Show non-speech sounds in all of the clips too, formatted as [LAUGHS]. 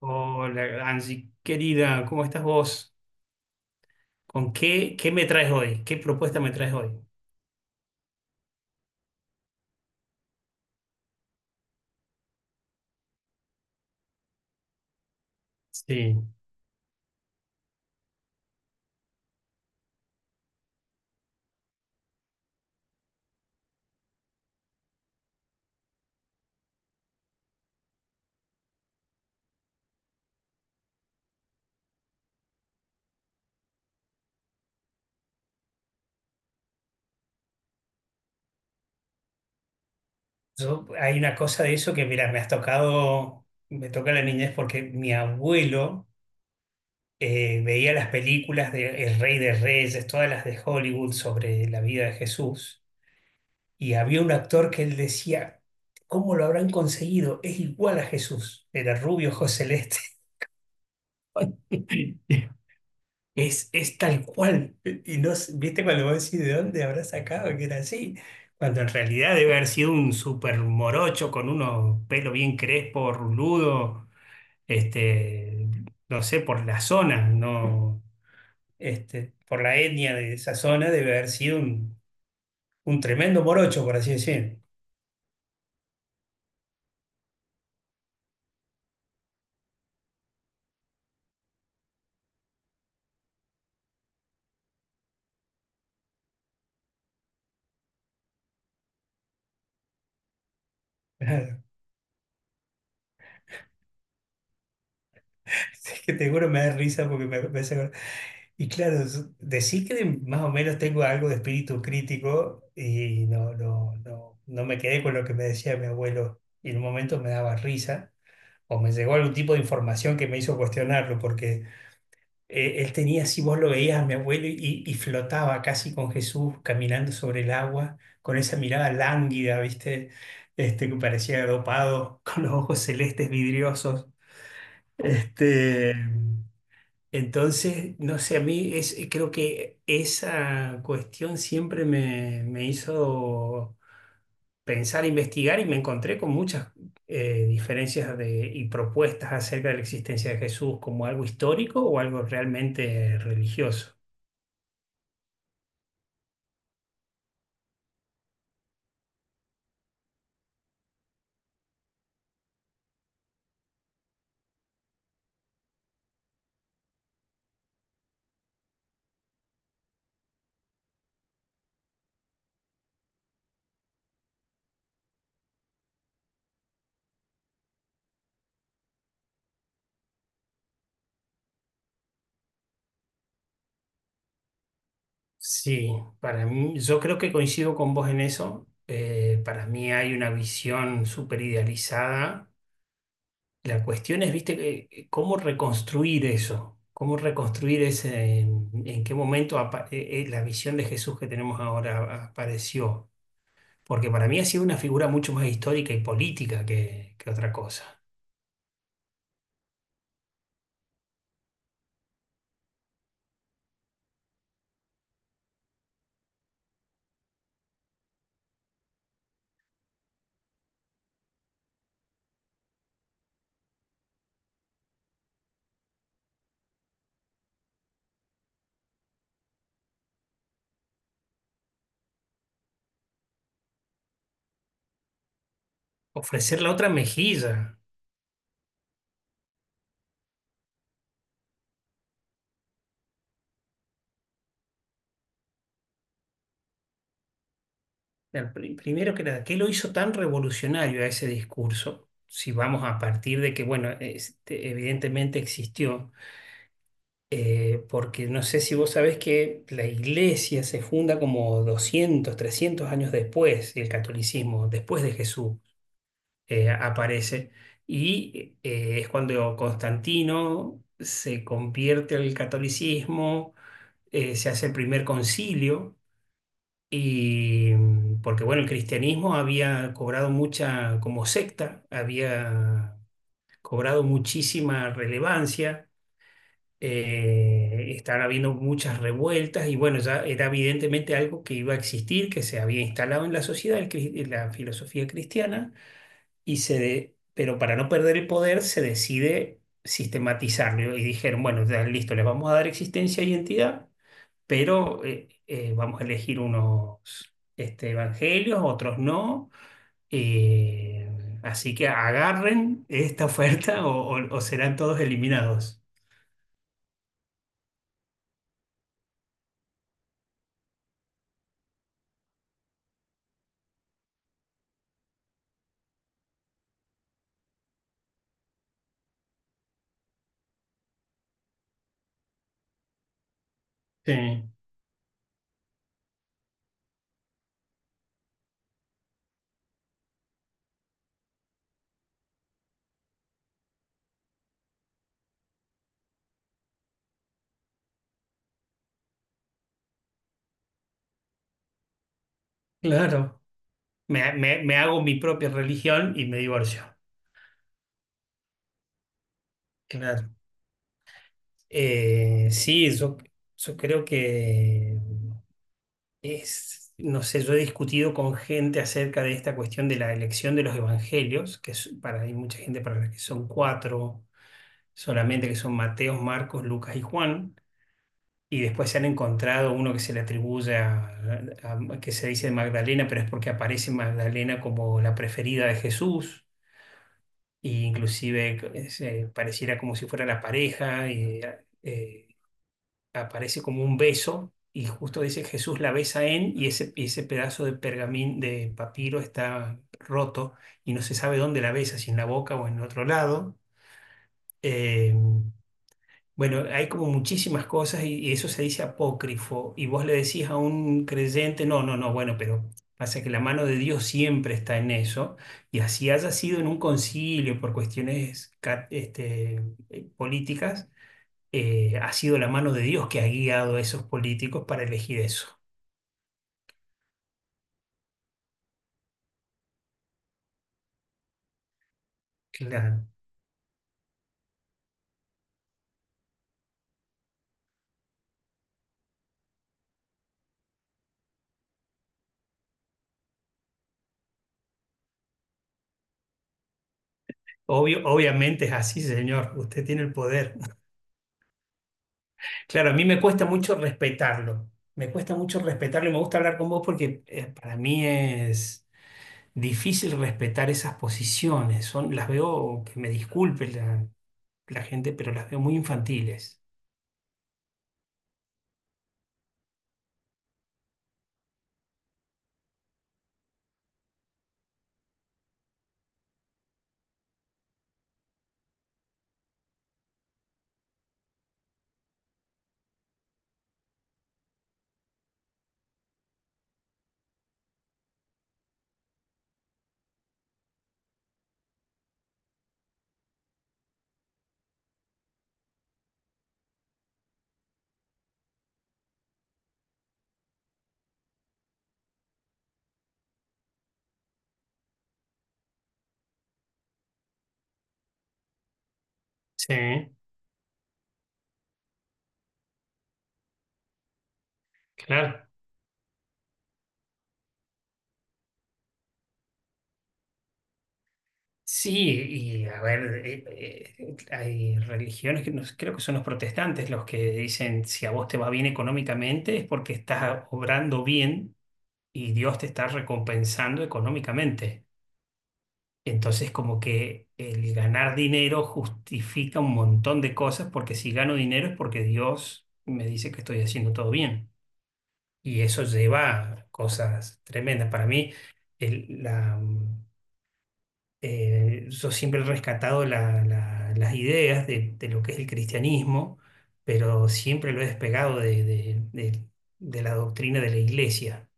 Hola, Angie, querida, ¿cómo estás vos? ¿Qué me traes hoy? ¿Qué propuesta me traes hoy? Sí. Hay una cosa de eso que, mira, me toca la niñez porque mi abuelo veía las películas de El Rey de Reyes, todas las de Hollywood sobre la vida de Jesús, y había un actor que él decía, ¿cómo lo habrán conseguido? Es igual a Jesús, era rubio, ojos celeste. [LAUGHS] Es tal cual. Y no, viste cuando vos decís de dónde habrá sacado que era así, cuando en realidad debe haber sido un súper morocho con unos pelos bien crespos, ruludo, este, no sé, por la zona, no, por la etnia de esa zona debe haber sido un tremendo morocho, por así decir. [LAUGHS] Es que te juro me da risa porque me hace acordar. Y claro, decís que más o menos tengo algo de espíritu crítico y no me quedé con lo que me decía mi abuelo y en un momento me daba risa o me llegó algún tipo de información que me hizo cuestionarlo porque él tenía, si vos lo veías a mi abuelo y flotaba casi con Jesús caminando sobre el agua con esa mirada lánguida, ¿viste? Que parecía dopado [LAUGHS] con los ojos celestes vidriosos. Este, entonces, no sé, a mí es, creo que esa cuestión siempre me hizo pensar, investigar y me encontré con muchas diferencias de, y propuestas acerca de la existencia de Jesús como algo histórico o algo realmente religioso. Sí, para mí, yo creo que coincido con vos en eso. Para mí hay una visión súper idealizada. La cuestión es, viste, cómo reconstruir eso, cómo reconstruir ese, en qué momento la visión de Jesús que tenemos ahora apareció. Porque para mí ha sido una figura mucho más histórica y política que otra cosa. Ofrecer la otra mejilla. Primero que nada, ¿qué lo hizo tan revolucionario a ese discurso? Si vamos a partir de que, bueno, este, evidentemente existió porque no sé si vos sabés que la iglesia se funda como 200, 300 años después, el catolicismo, después de Jesús, aparece. Y es cuando Constantino se convierte al catolicismo, se hace el primer concilio, y porque bueno, el cristianismo había cobrado mucha, como secta, había cobrado muchísima relevancia. Estaban habiendo muchas revueltas y bueno, ya era evidentemente algo que iba a existir, que se había instalado en la sociedad, la filosofía cristiana, y pero para no perder el poder se decide sistematizarlo y dijeron, bueno, ya listo, les vamos a dar existencia e identidad, pero vamos a elegir unos este, evangelios, otros no. eh, Así que agarren esta oferta o serán todos eliminados. Sí, claro. Me hago mi propia religión y me divorcio. Claro. Sí, yo creo que es, no sé, yo he discutido con gente acerca de esta cuestión de la elección de los evangelios, para, hay mucha gente para la que son cuatro solamente, que son Mateo, Marcos, Lucas y Juan, y después se han encontrado uno que se le atribuye que se dice Magdalena, pero es porque aparece Magdalena como la preferida de Jesús. Y inclusive pareciera como si fuera la pareja, y eh, aparece como un beso, y justo dice Jesús la besa en, y y ese pedazo de pergamín, de papiro está roto, y no se sabe dónde la besa, si en la boca o en otro lado. Eh, bueno, hay como muchísimas cosas y eso se dice apócrifo. Y vos le decís a un creyente, no, no, no, bueno, pero pasa que la mano de Dios siempre está en eso. Y así haya sido en un concilio por cuestiones políticas, ha sido la mano de Dios que ha guiado a esos políticos para elegir eso. Claro. Obvio, obviamente es así, señor. Usted tiene el poder. [LAUGHS] Claro, a mí me cuesta mucho respetarlo. Me cuesta mucho respetarlo y me gusta hablar con vos porque para mí es difícil respetar esas posiciones. Son, las veo, que me disculpe la gente, pero las veo muy infantiles. Sí, claro. Sí, y a ver, hay religiones que creo que son los protestantes los que dicen si a vos te va bien económicamente es porque estás obrando bien y Dios te está recompensando económicamente. Entonces, como que el ganar dinero justifica un montón de cosas, porque si gano dinero es porque Dios me dice que estoy haciendo todo bien. Y eso lleva a cosas tremendas. Para mí, el- la, mm, yo siempre he rescatado las ideas de lo que es el cristianismo, pero siempre lo he despegado de la doctrina de la iglesia.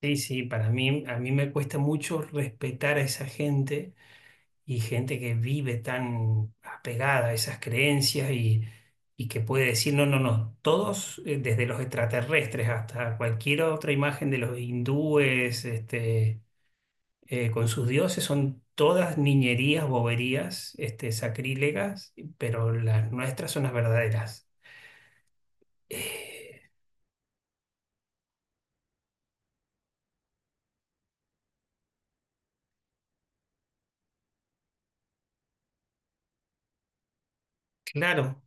Sí, sí, para mí, a mí me cuesta mucho respetar a esa gente y gente que vive tan apegada a esas creencias y que puede decir, no, no, no, todos, desde los extraterrestres hasta cualquier otra imagen de los hindúes, con sus dioses, son todas niñerías, boberías, sacrílegas, pero las nuestras son las verdaderas. Eh, claro.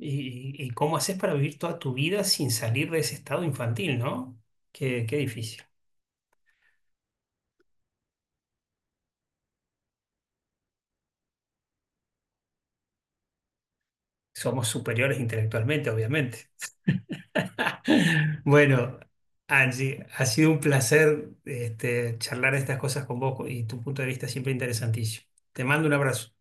Y cómo haces para vivir toda tu vida sin salir de ese estado infantil, ¿no? Qué difícil. Somos superiores intelectualmente, obviamente. [LAUGHS] Bueno, Angie, ha sido un placer charlar estas cosas con vos y tu punto de vista siempre interesantísimo. Te mando un abrazo.